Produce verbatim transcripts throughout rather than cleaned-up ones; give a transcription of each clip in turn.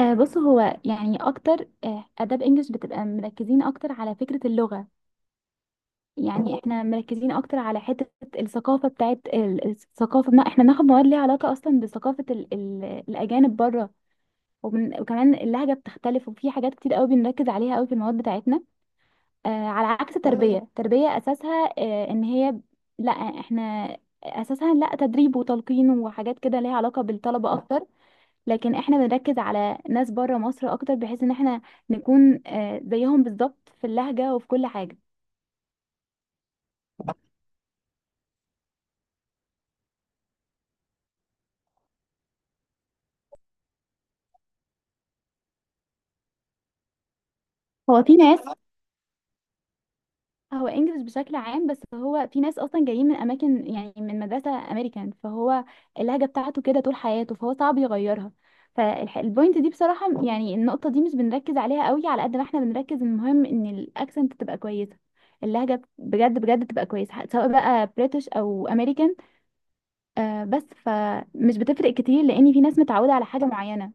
آه بص، هو يعني اكتر آه اداب انجلش بتبقى مركزين اكتر على فكرة اللغة. يعني احنا مركزين اكتر على حته الثقافه بتاعت ال- الثقافه، بنا احنا بناخد مواد ليها علاقه اصلا بثقافه ال ال الاجانب بره. وبن- وكمان اللهجه بتختلف، وفي حاجات كتير قوي بنركز عليها قوي في المواد بتاعتنا. آه على عكس تربيه تربيه اساسها آه ان هي، لا احنا، اساسها لا تدريب وتلقين وحاجات كده ليها علاقه بالطلبه اكتر. لكن احنا بنركز على ناس بره مصر اكتر، بحيث ان احنا نكون آه زيهم بالظبط في اللهجه وفي كل حاجه. هو في ناس هو انجلش بشكل عام، بس هو في ناس اصلا جايين من اماكن يعني من مدرسه امريكان، فهو اللهجه بتاعته كده طول حياته، فهو صعب يغيرها. فالبوينت دي بصراحه يعني النقطه دي مش بنركز عليها قوي على قد ما احنا بنركز، المهم ان الاكسنت تبقى كويسه، اللهجه بجد بجد تبقى كويسه سواء بقى بريتش او امريكان. آه بس فمش بتفرق كتير لان في ناس متعوده على حاجه معينه.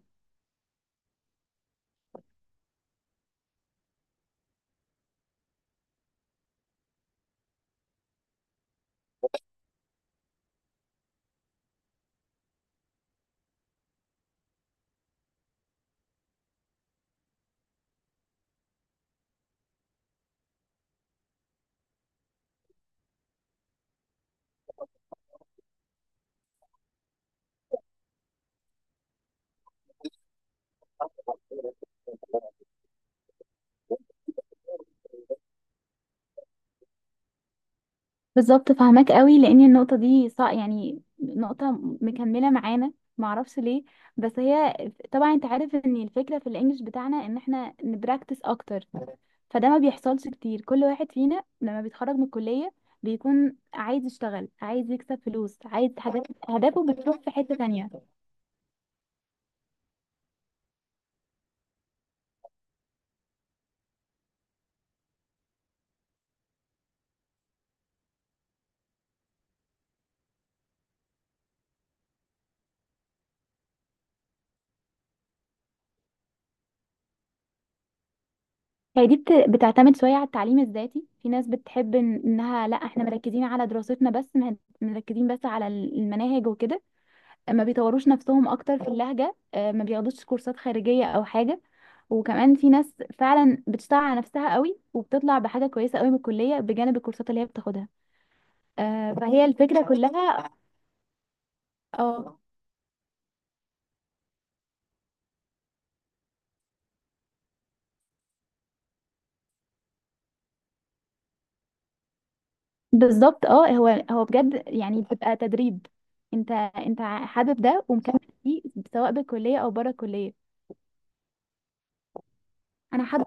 بالظبط، فاهماك قوي، لان النقطه دي صع... يعني نقطه مكمله معانا، معرفش ليه، بس هي. طبعا انت عارف ان الفكره في الانجليش بتاعنا ان احنا نبراكتس اكتر، فده ما بيحصلش كتير. كل واحد فينا لما بيتخرج من الكليه بيكون عايز يشتغل، عايز يكسب فلوس، عايز حاجات، اهدافه بتروح في حته تانية. هي دي بت... بتعتمد شويه على التعليم الذاتي، في ناس بتحب إن- انها، لا احنا مركزين على دراستنا بس، مه- مركزين بس على المناهج وكده، ما بيطوروش نفسهم اكتر في اللهجة، آه، ما بياخدوش كورسات خارجية او حاجة. وكمان في ناس فعلا بتشتغل على نفسها قوي، وبتطلع بحاجة كويسة قوي من الكلية بجانب الكورسات اللي هي بتاخدها. آه، فهي الفكرة كلها. اه، بالظبط. اه، هو هو بجد، يعني بتبقى تدريب، انت انت حابب ده ومكمل فيه سواء بالكلية او بره الكلية. انا حابة.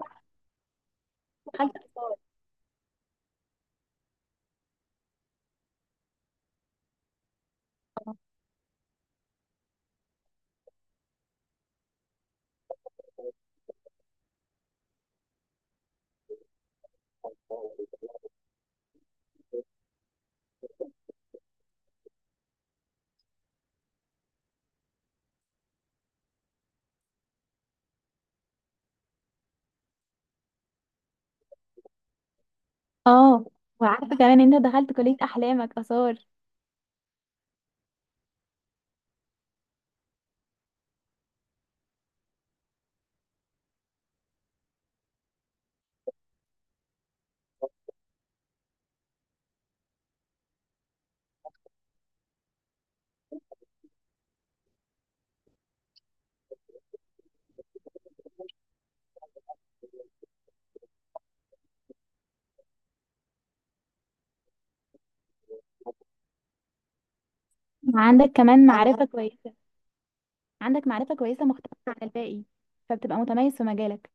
اه، وعارفة كمان إن انت دخلت كلية احلامك اثار. عندك كمان معرفة كويسة، عندك معرفة كويسة مختلفة عن الباقي، فبتبقى متميز في مجالك.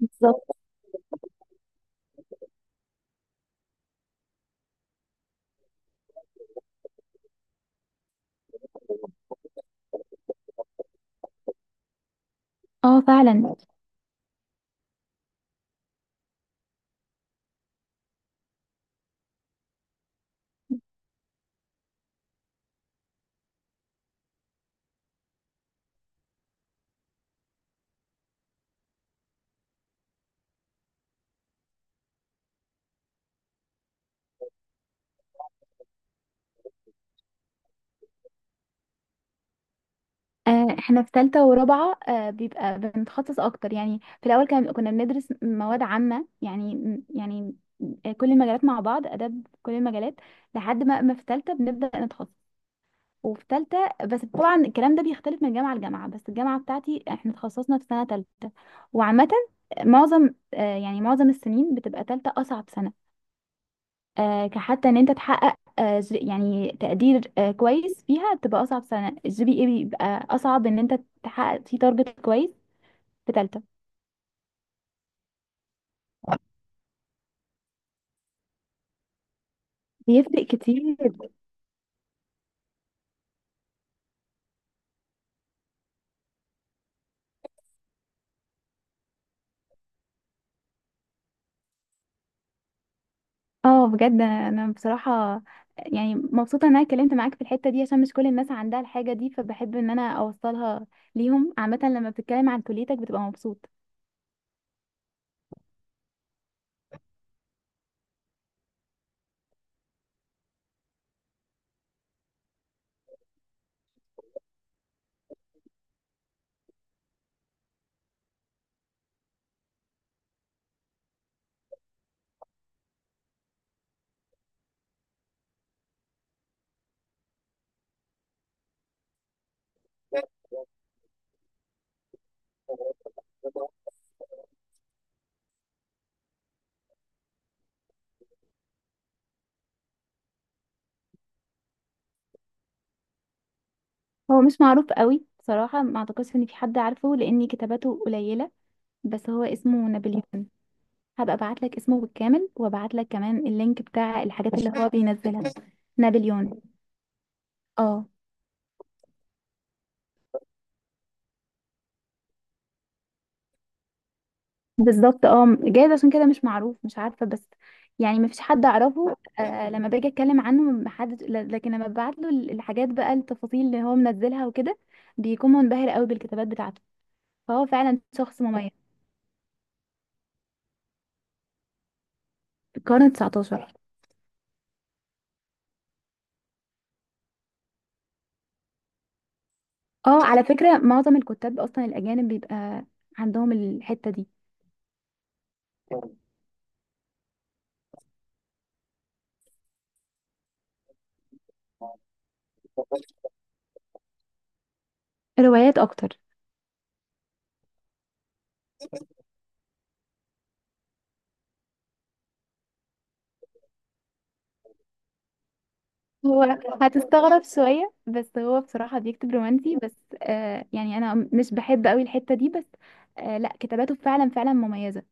بالظبط، اه فعلا. آه، احنا في ثالثة ورابعة آه، بيبقى بنتخصص اكتر. يعني في الاول كان كنا بندرس مواد عامة، يعني، يعني آه، كل المجالات مع بعض، اداب كل المجالات، لحد ما ما في ثالثة بنبدأ نتخصص. وفي ثالثة بس، طبعا الكلام ده بيختلف من جامعة لجامعة، بس الجامعة بتاعتي احنا تخصصنا في سنة ثالثة. وعامة معظم آه، يعني معظم السنين بتبقى ثالثة اصعب سنة، آه، كحتى ان انت تحقق آه، ز- يعني تقدير آه، كويس فيها، بتبقى اصعب سنه، الجي بي اي بيبقى اصعب ان انت تحقق فيه تارجت كويس في تالتة. بيفرق كتير. اه، بجد. انا أنا بصراحه يعني مبسوطه ان انا اتكلمت معاك في الحته دي، عشان مش كل الناس عندها الحاجه دي، فبحب ان انا اوصلها ليهم. عامه لما بتتكلم عن كليتك بتبقى مبسوط. هو مش معروف قوي بصراحه، ما اعتقدش ان في حد عارفه لان كتاباته قليله، بس هو اسمه نابليون. هبقى ابعت لك اسمه بالكامل، وابعت لك كمان اللينك بتاع الحاجات اللي هو بينزلها. نابليون. اه بالظبط، اه جايز عشان كده مش معروف، مش عارفه، بس يعني ما فيش حد اعرفه. آه لما باجي اتكلم عنه ما حد، ل- لكن لما ببعت له ال- الحاجات بقى، التفاصيل اللي هو منزلها وكده، بيكون منبهر قوي بالكتابات بتاعته، فهو فعلا شخص مميز. في القرن التاسع عشر. اه على فكره، معظم الكتاب اصلا الاجانب بيبقى عندهم الحته دي. روايات اكتر. هو هتستغرب شوية، بس هو بصراحة بيكتب رومانسي بس. آه يعني أنا مش بحب قوي الحتة دي، بس آه لا كتاباته فعلا فعلا مميزة.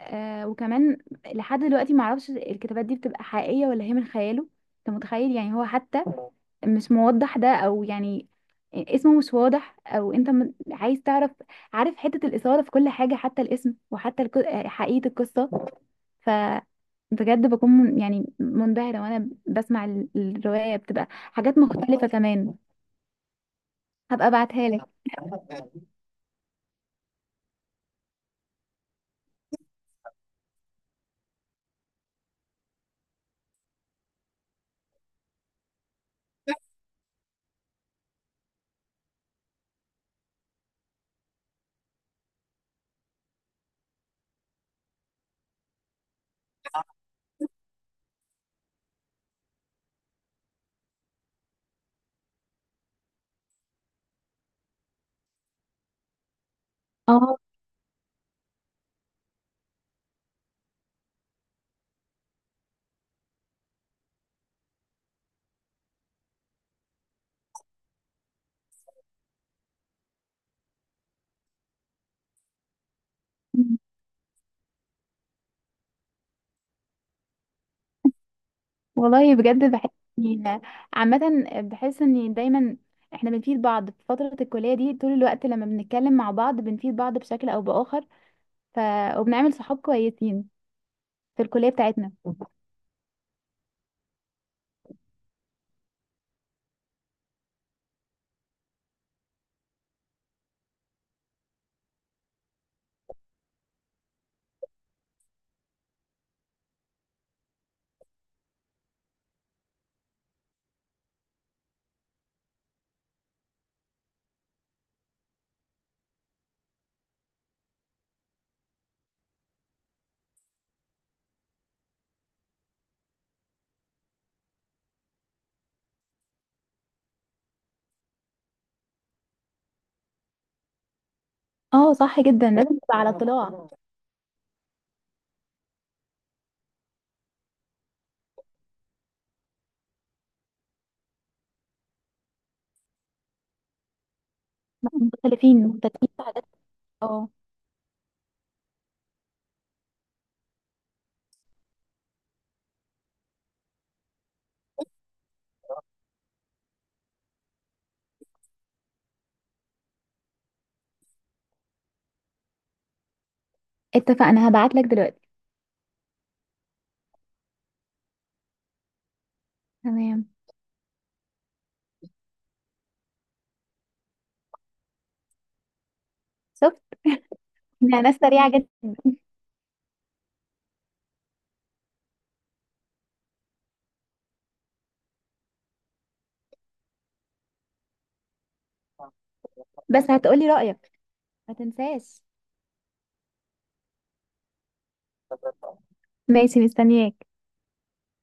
آه وكمان لحد دلوقتي معرفش الكتابات دي بتبقى حقيقية ولا هي من خياله. أنت متخيل؟ يعني هو حتى مش موضح ده، أو يعني اسمه مش واضح، أو أنت م- عايز تعرف، عارف حتة الإثارة في كل حاجة، حتى الاسم وحتى الك- آه، حقيقة القصة. ف بجد بكون، من يعني منبهرة وانا بسمع ال- الرواية، بتبقى حاجات مختلفة كمان. هبقى ابعتها لك. اه والله، بجد بحس إني- عامة بحس ان دايما احنا بنفيد بعض في فترة الكلية دي. طول الوقت لما بنتكلم مع بعض بنفيد بعض بشكل او بآخر، ف... وبنعمل صحاب كويسين في الكلية بتاعتنا. اه صح جدا، لازم تبقى على اطلاع. مختلفين مختلفين في حاجات. اه اتفقنا، هبعت لك دلوقتي. تمام. شفت؟ احنا ناس سريعة جدا. بس هتقولي رأيك، ما تنساش. ماشي، مستنياك.